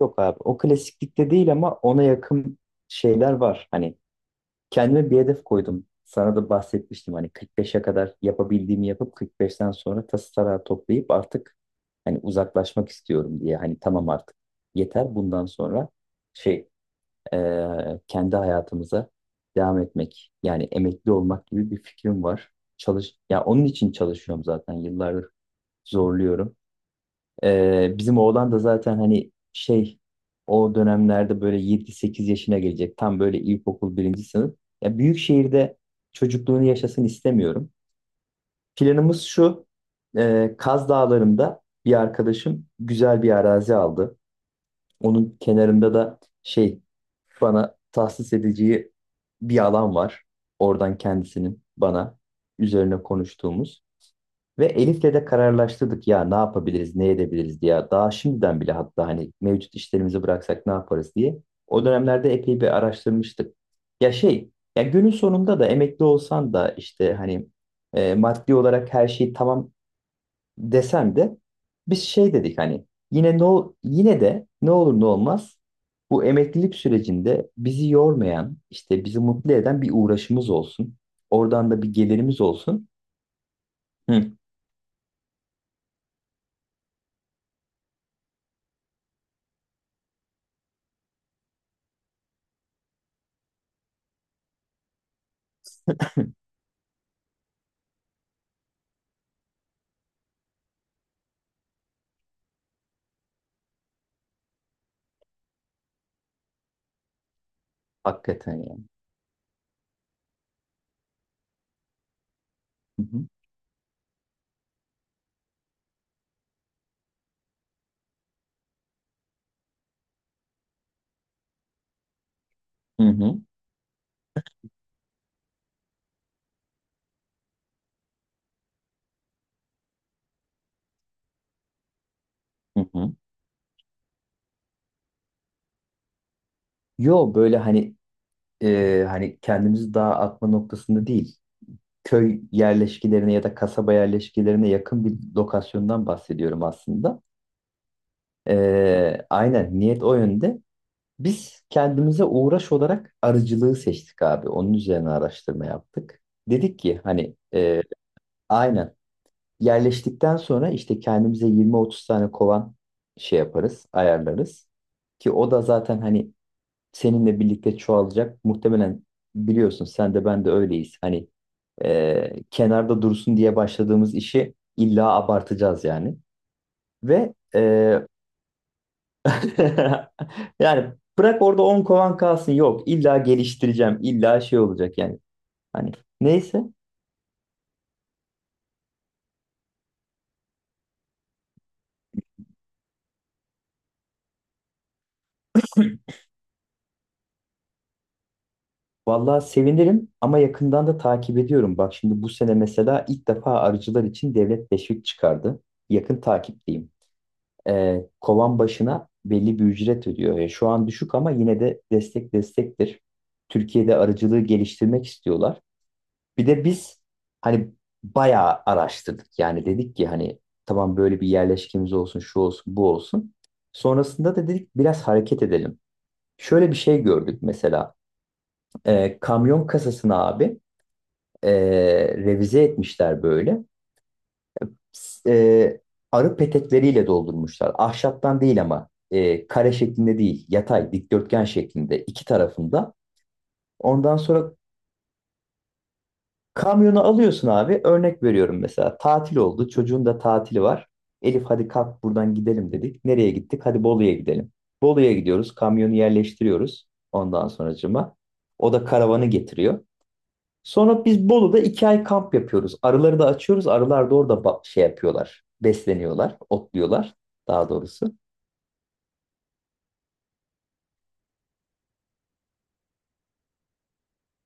Yok abi o klasiklikte değil ama ona yakın şeyler var. Hani kendime bir hedef koydum. Sana da bahsetmiştim hani 45'e kadar yapabildiğimi yapıp 45'ten sonra tası tarağı toplayıp artık hani uzaklaşmak istiyorum diye. Hani tamam artık yeter bundan sonra şey kendi hayatımıza devam etmek yani emekli olmak gibi bir fikrim var. Çalış ya onun için çalışıyorum zaten yıllardır zorluyorum. Bizim oğlan da zaten hani o dönemlerde böyle 7-8 yaşına gelecek. Tam böyle ilkokul birinci sınıf. Ya büyük şehirde çocukluğunu yaşasın istemiyorum. Planımız şu. Kaz Dağları'nda bir arkadaşım güzel bir arazi aldı. Onun kenarında da bana tahsis edeceği bir alan var. Oradan kendisinin bana üzerine konuştuğumuz. Ve Elif'le de kararlaştırdık ya ne yapabiliriz, ne edebiliriz diye. Daha şimdiden bile hatta hani mevcut işlerimizi bıraksak ne yaparız diye. O dönemlerde epey bir araştırmıştık. Ya şey, ya günün sonunda da emekli olsan da işte hani maddi olarak her şey tamam desen de biz şey dedik hani yine yine de ne olur ne olmaz bu emeklilik sürecinde bizi yormayan, işte bizi mutlu eden bir uğraşımız olsun. Oradan da bir gelirimiz olsun. Hı. Hakikaten yani. Hı hı. Hı hı. Hı hı. Yo böyle hani kendimizi dağa atma noktasında değil. Köy yerleşkilerine ya da kasaba yerleşkilerine yakın bir lokasyondan bahsediyorum aslında. Aynen niyet o yönde. Biz kendimize uğraş olarak arıcılığı seçtik abi. Onun üzerine araştırma yaptık. Dedik ki hani aynen yerleştikten sonra işte kendimize 20-30 tane kovan şey yaparız, ayarlarız. Ki o da zaten hani seninle birlikte çoğalacak. Muhtemelen biliyorsun sen de ben de öyleyiz. Hani kenarda dursun diye başladığımız işi illa abartacağız yani. Ve yani bırak orada 10 kovan kalsın, yok illa geliştireceğim, illa şey olacak yani. Hani neyse vallahi sevinirim ama yakından da takip ediyorum. Bak şimdi bu sene mesela ilk defa arıcılar için devlet teşvik çıkardı. Yakın takipteyim. Kovan başına belli bir ücret ödüyor. Şu an düşük ama yine de destek destektir. Türkiye'de arıcılığı geliştirmek istiyorlar. Bir de biz hani bayağı araştırdık. Yani dedik ki hani tamam böyle bir yerleşkemiz olsun, şu olsun, bu olsun. Sonrasında da dedik biraz hareket edelim. Şöyle bir şey gördük mesela. Kamyon kasasını abi e, revize etmişler böyle. s- e, Arı petekleriyle doldurmuşlar. Ahşaptan değil ama kare şeklinde değil, yatay, dikdörtgen şeklinde iki tarafında. Ondan sonra kamyonu alıyorsun abi. Örnek veriyorum, mesela tatil oldu. Çocuğun da tatili var. Elif hadi kalk buradan gidelim dedik. Nereye gittik? Hadi Bolu'ya gidelim. Bolu'ya gidiyoruz. Kamyonu yerleştiriyoruz. Ondan sonracıma. O da karavanı getiriyor. Sonra biz Bolu'da 2 ay kamp yapıyoruz. Arıları da açıyoruz. Arılar da orada şey yapıyorlar. Besleniyorlar, otluyorlar daha doğrusu.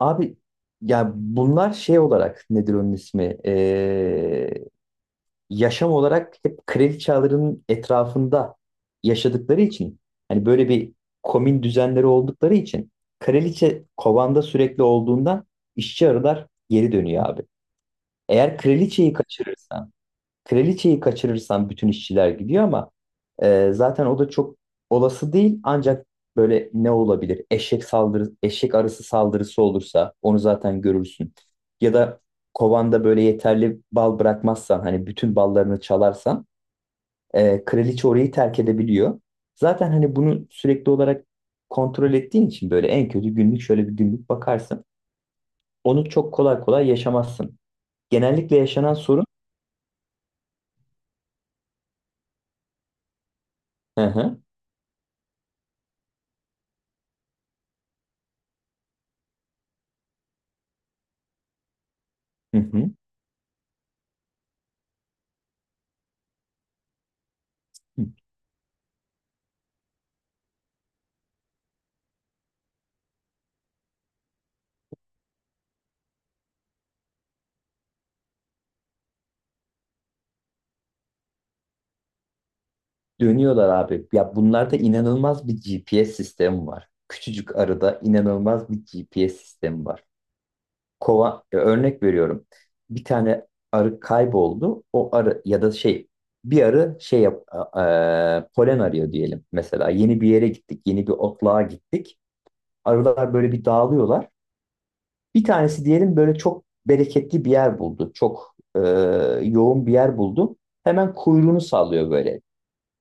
Abi ya bunlar şey olarak nedir onun ismi? Yaşam olarak hep kraliçelerin etrafında yaşadıkları için hani böyle bir komün düzenleri oldukları için kraliçe kovanda sürekli olduğundan işçi arılar geri dönüyor abi. Eğer kraliçeyi kaçırırsan Kraliçeyi kaçırırsan bütün işçiler gidiyor ama zaten o da çok olası değil. Ancak böyle ne olabilir? Eşek arısı saldırısı olursa onu zaten görürsün. Ya da kovanda böyle yeterli bal bırakmazsan, hani bütün ballarını çalarsan kraliçe orayı terk edebiliyor. Zaten hani bunu sürekli olarak kontrol ettiğin için böyle en kötü günlük, şöyle bir günlük bakarsın. Onu çok kolay kolay yaşamazsın. Genellikle yaşanan sorun... Hı hı. Hı hı. Dönüyorlar abi. Ya bunlarda inanılmaz bir GPS sistemi var. Küçücük arıda inanılmaz bir GPS sistemi var. Örnek veriyorum. Bir tane arı kayboldu. O arı ya da şey, bir arı şey yap, polen arıyor diyelim. Mesela yeni bir yere gittik, yeni bir otluğa gittik. Arılar böyle bir dağılıyorlar. Bir tanesi diyelim böyle çok bereketli bir yer buldu. Çok yoğun bir yer buldu. Hemen kuyruğunu sallıyor, böyle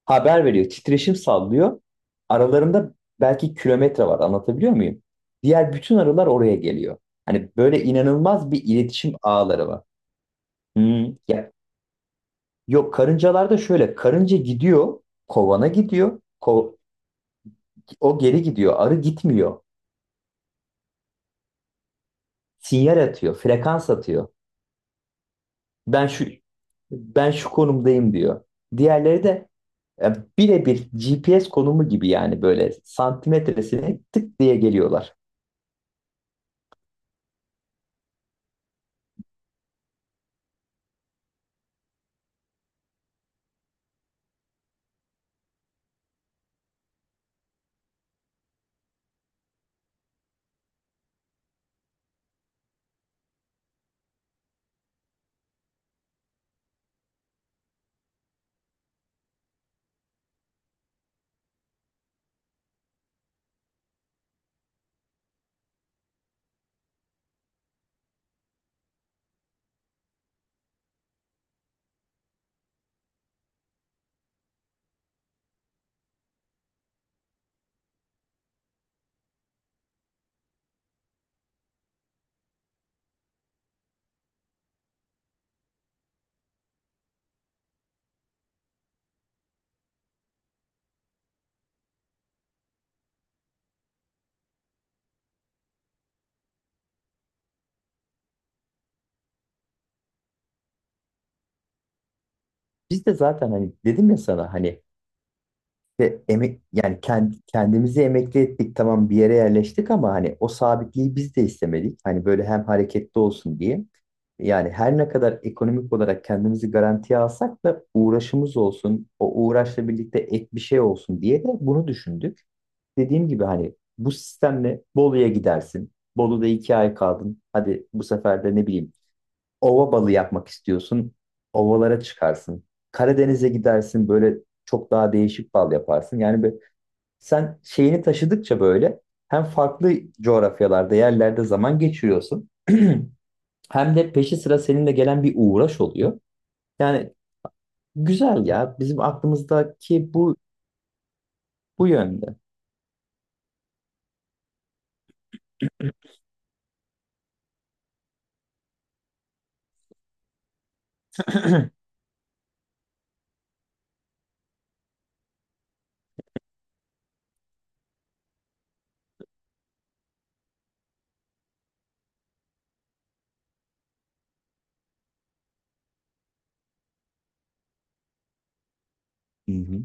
haber veriyor. Titreşim sallıyor. Aralarında belki kilometre var. Anlatabiliyor muyum? Diğer bütün arılar oraya geliyor. Hani böyle inanılmaz bir iletişim ağları var. Hmm, ya. Yok, karıncalarda şöyle, karınca gidiyor kovana gidiyor, o geri gidiyor, arı gitmiyor, sinyal atıyor, frekans atıyor, ben şu ben şu konumdayım diyor. Diğerleri de birebir GPS konumu gibi yani böyle santimetresine tık diye geliyorlar. Biz de zaten hani dedim ya sana hani de emek yani kendimizi emekli ettik, tamam bir yere yerleştik ama hani o sabitliği biz de istemedik. Hani böyle hem hareketli olsun diye. Yani her ne kadar ekonomik olarak kendimizi garantiye alsak da uğraşımız olsun, o uğraşla birlikte ek bir şey olsun diye de bunu düşündük. Dediğim gibi hani bu sistemle Bolu'ya gidersin. Bolu'da 2 ay kaldın. Hadi bu sefer de ne bileyim, ova balı yapmak istiyorsun. Ovalara çıkarsın. Karadeniz'e gidersin, böyle çok daha değişik bal yaparsın. Yani sen şeyini taşıdıkça böyle hem farklı coğrafyalarda, yerlerde zaman geçiriyorsun. Hem de peşi sıra seninle gelen bir uğraş oluyor. Yani güzel ya. Bizim aklımızdaki bu. Bu yönde. Hı hı.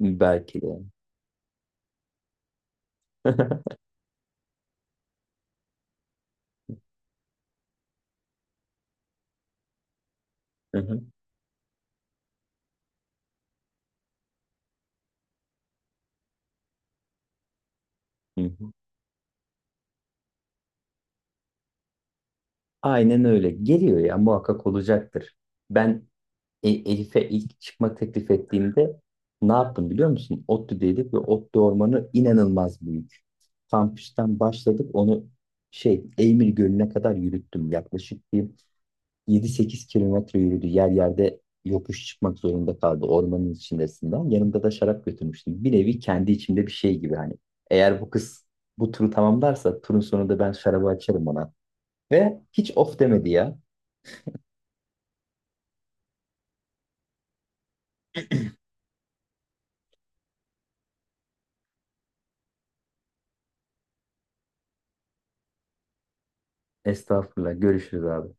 Belki de. Hı hı. Hı hı. Aynen öyle. Geliyor ya, muhakkak olacaktır. Ben Elif'e ilk çıkma teklif ettiğimde ne yaptım biliyor musun? ODTÜ'deydik ve ODTÜ ormanı inanılmaz büyük. Kampüsten başladık, onu Eymir Gölü'ne kadar yürüttüm. Yaklaşık bir 7-8 kilometre yürüdü. Yer yerde yokuş çıkmak zorunda kaldı ormanın içindesinden. Yanımda da şarap götürmüştüm. Bir nevi kendi içimde bir şey gibi hani. Eğer bu kız bu turu tamamlarsa turun sonunda ben şarabı açarım ona. Ve hiç of demedi ya. Estağfurullah, görüşürüz abi.